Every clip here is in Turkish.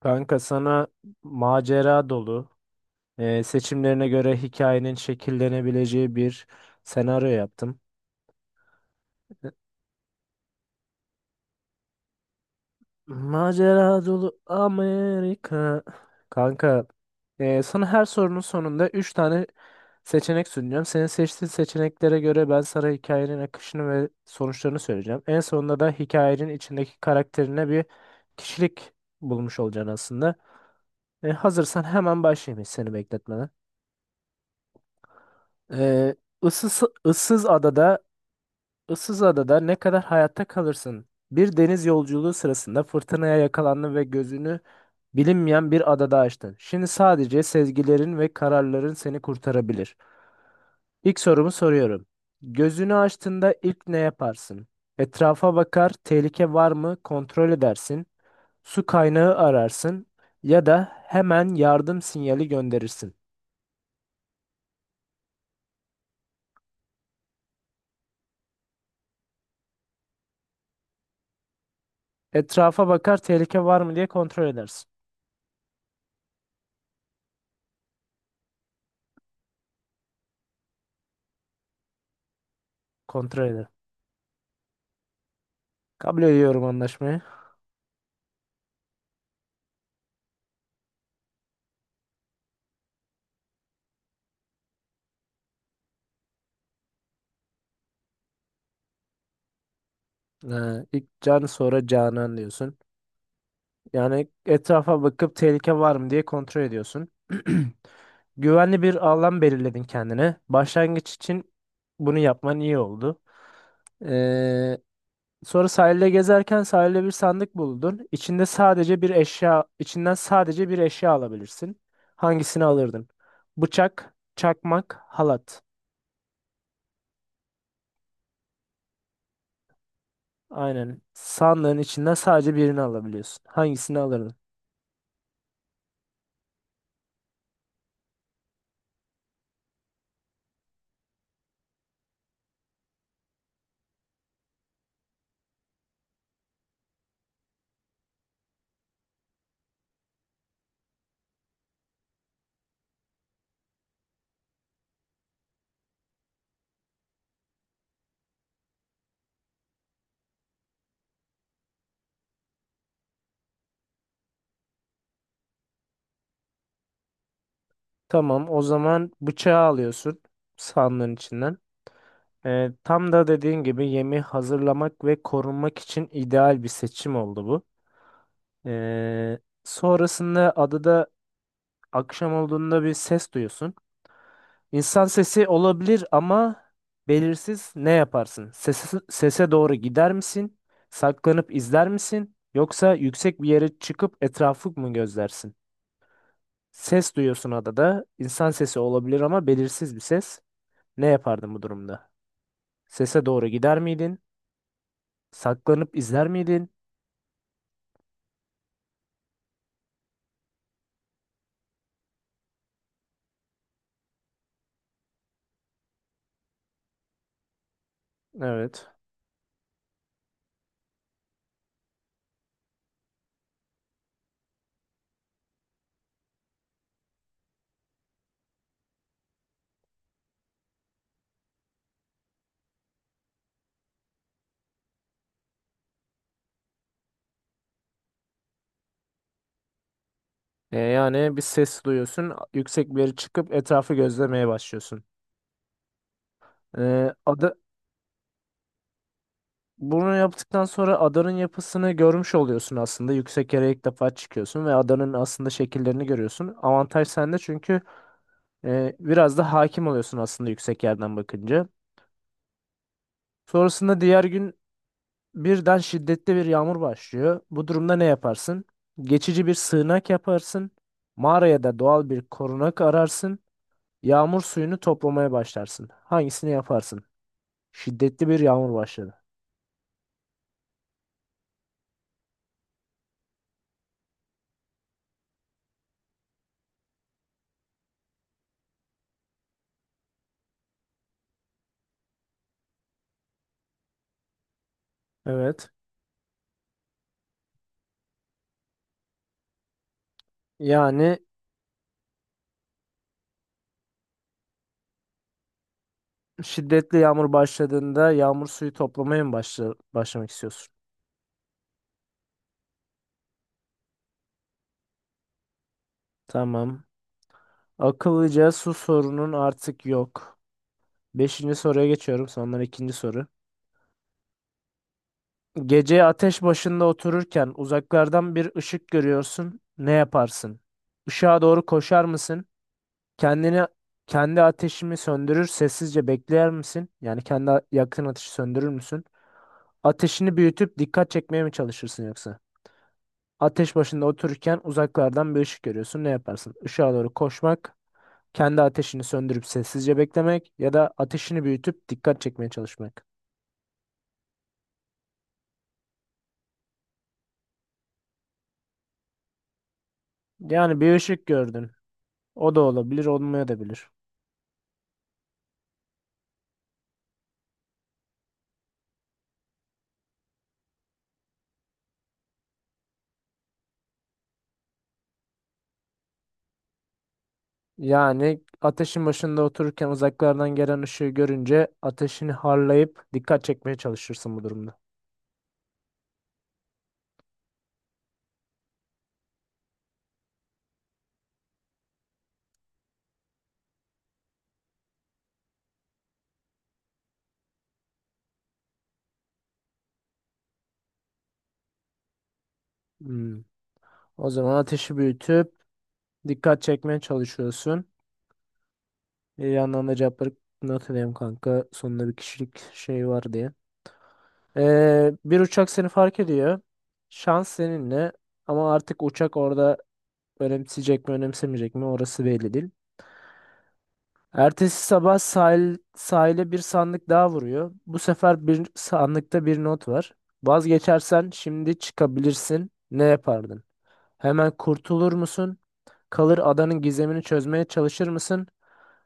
Kanka sana macera dolu, seçimlerine göre hikayenin şekillenebileceği bir senaryo yaptım. E, Macera dolu Amerika. Kanka, sana her sorunun sonunda 3 tane seçenek sunacağım. Senin seçtiğin seçeneklere göre ben sana hikayenin akışını ve sonuçlarını söyleyeceğim. En sonunda da hikayenin içindeki karakterine bir kişilik bulmuş olacaksın aslında. Hazırsan hemen başlayayım hiç seni bekletmeden. Ee, ıssız, ıssız adada, ıssız adada ne kadar hayatta kalırsın? Bir deniz yolculuğu sırasında fırtınaya yakalandın ve gözünü bilinmeyen bir adada açtın. Şimdi sadece sezgilerin ve kararların seni kurtarabilir. İlk sorumu soruyorum. Gözünü açtığında ilk ne yaparsın? Etrafa bakar, tehlike var mı kontrol edersin, su kaynağı ararsın ya da hemen yardım sinyali gönderirsin. Etrafa bakar, tehlike var mı diye kontrol edersin. Kontrol edersin. Kabul ediyorum anlaşmayı. Ee, ilk Can sonra Canan diyorsun. Yani etrafa bakıp tehlike var mı diye kontrol ediyorsun. Güvenli bir alan belirledin kendine. Başlangıç için bunu yapman iyi oldu. Ee, sonra sahilde gezerken sahilde bir sandık buldun. İçinden sadece bir eşya alabilirsin. Hangisini alırdın? Bıçak, çakmak, halat. Aynen. Sandığın içinden sadece birini alabiliyorsun. Hangisini alırdın? Tamam, o zaman bıçağı alıyorsun sandığın içinden. Tam da dediğin gibi yemi hazırlamak ve korunmak için ideal bir seçim oldu bu. Ee, sonrasında adada akşam olduğunda bir ses duyuyorsun. İnsan sesi olabilir ama belirsiz ne yaparsın? Sese doğru gider misin? Saklanıp izler misin? Yoksa yüksek bir yere çıkıp etrafı mı gözlersin? Ses duyuyorsun adada. İnsan sesi olabilir ama belirsiz bir ses. Ne yapardın bu durumda? Sese doğru gider miydin? Saklanıp izler miydin? Evet. Yani bir ses duyuyorsun. Yüksek bir yere çıkıp etrafı gözlemeye başlıyorsun. E, ada, bunu yaptıktan sonra adanın yapısını görmüş oluyorsun aslında. Yüksek yere ilk defa çıkıyorsun ve adanın aslında şekillerini görüyorsun. Avantaj sende çünkü biraz da hakim oluyorsun aslında yüksek yerden bakınca. Sonrasında diğer gün birden şiddetli bir yağmur başlıyor. Bu durumda ne yaparsın? Geçici bir sığınak yaparsın. Mağaraya da doğal bir korunak ararsın. Yağmur suyunu toplamaya başlarsın. Hangisini yaparsın? Şiddetli bir yağmur başladı. Evet. Yani şiddetli yağmur başladığında yağmur suyu toplamaya mı başlamak istiyorsun? Tamam. Akıllıca su sorunun artık yok. Beşinci soruya geçiyorum. Sondan ikinci soru. Gece ateş başında otururken uzaklardan bir ışık görüyorsun. Ne yaparsın? Işığa doğru koşar mısın? Kendini kendi ateşimi söndürür, sessizce bekler misin? Yani yakın ateşi söndürür müsün? Ateşini büyütüp dikkat çekmeye mi çalışırsın yoksa? Ateş başında otururken uzaklardan bir ışık görüyorsun. Ne yaparsın? Işığa doğru koşmak, kendi ateşini söndürüp sessizce beklemek ya da ateşini büyütüp dikkat çekmeye çalışmak. Yani bir ışık gördün. O da olabilir, olmaya da bilir. Yani ateşin başında otururken uzaklardan gelen ışığı görünce ateşini harlayıp dikkat çekmeye çalışırsın bu durumda. Hmm. O zaman ateşi büyütüp dikkat çekmeye çalışıyorsun. Bir yandan da cevapları hatırlayayım kanka. Sonunda bir kişilik şey var diye. Bir uçak seni fark ediyor. Şans seninle. Ama artık uçak orada önemseyecek mi önemsemeyecek mi orası belli değil. Ertesi sabah sahile bir sandık daha vuruyor. Bu sefer bir sandıkta bir not var. Vazgeçersen şimdi çıkabilirsin. Ne yapardın? Hemen kurtulur musun? Kalır adanın gizemini çözmeye çalışır mısın?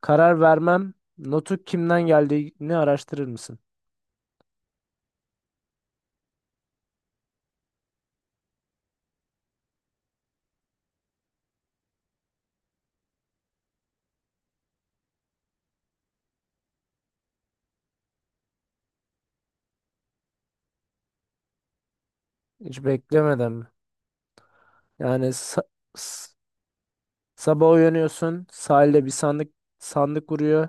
Karar vermem. Notu kimden geldiğini araştırır mısın? Hiç beklemeden mi? Yani sa- s- sabah uyanıyorsun, sahilde bir sandık vuruyor.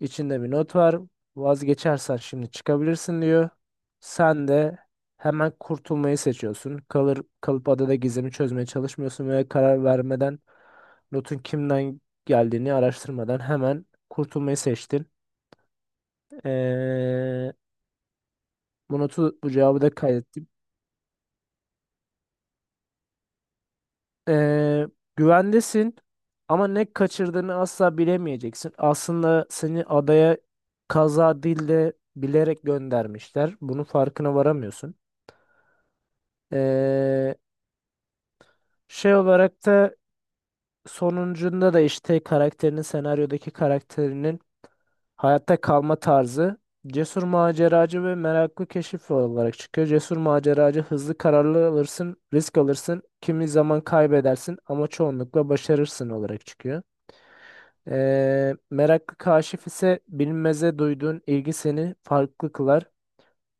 İçinde bir not var. Vazgeçersen şimdi çıkabilirsin diyor. Sen de hemen kurtulmayı seçiyorsun. Kalır kalıp adada gizemi çözmeye çalışmıyorsun ve karar vermeden notun kimden geldiğini araştırmadan hemen kurtulmayı seçtin. Ee, bu notu bu cevabı da kaydettim. Ee, güvendesin ama ne kaçırdığını asla bilemeyeceksin. Aslında seni adaya kaza değil de bilerek göndermişler. Bunun farkına varamıyorsun. Ee, şey olarak da sonuncunda da işte senaryodaki karakterinin hayatta kalma tarzı cesur maceracı ve meraklı keşif olarak çıkıyor. Cesur maceracı hızlı kararlar alırsın, risk alırsın, kimi zaman kaybedersin ama çoğunlukla başarırsın olarak çıkıyor. Meraklı kaşif ise bilinmeze duyduğun ilgi seni farklı kılar.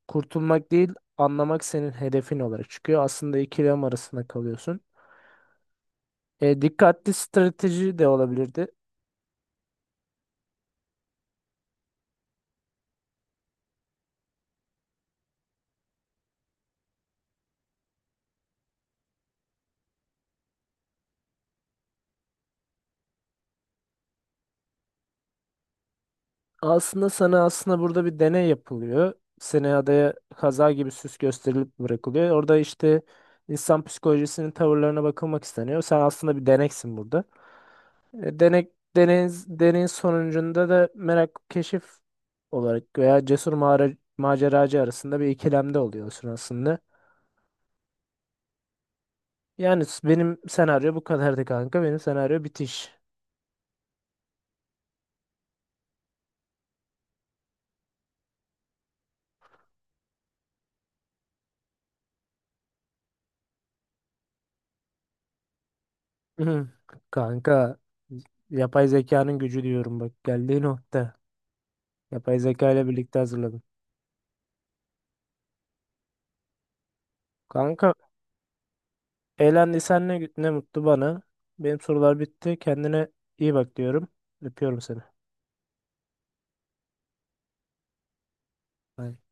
Kurtulmak değil, anlamak senin hedefin olarak çıkıyor. Aslında ikilem arasında kalıyorsun. Dikkatli strateji de olabilirdi. Aslında burada bir deney yapılıyor. Seni adaya kaza gibi süs gösterilip bırakılıyor. Orada işte insan psikolojisinin tavırlarına bakılmak isteniyor. Sen aslında bir deneksin burada. Denek, deneyin sonucunda da merak keşif olarak veya maceracı arasında bir ikilemde oluyorsun aslında. Benim senaryo bu kadardı kanka. Benim senaryo bitiş. Kanka yapay zekanın gücü diyorum bak geldiği nokta. Yapay zeka ile birlikte hazırladım. Kanka eğlendiysen ne mutlu bana. Benim sorular bitti. Kendine iyi bak diyorum. Öpüyorum seni. Bay bay.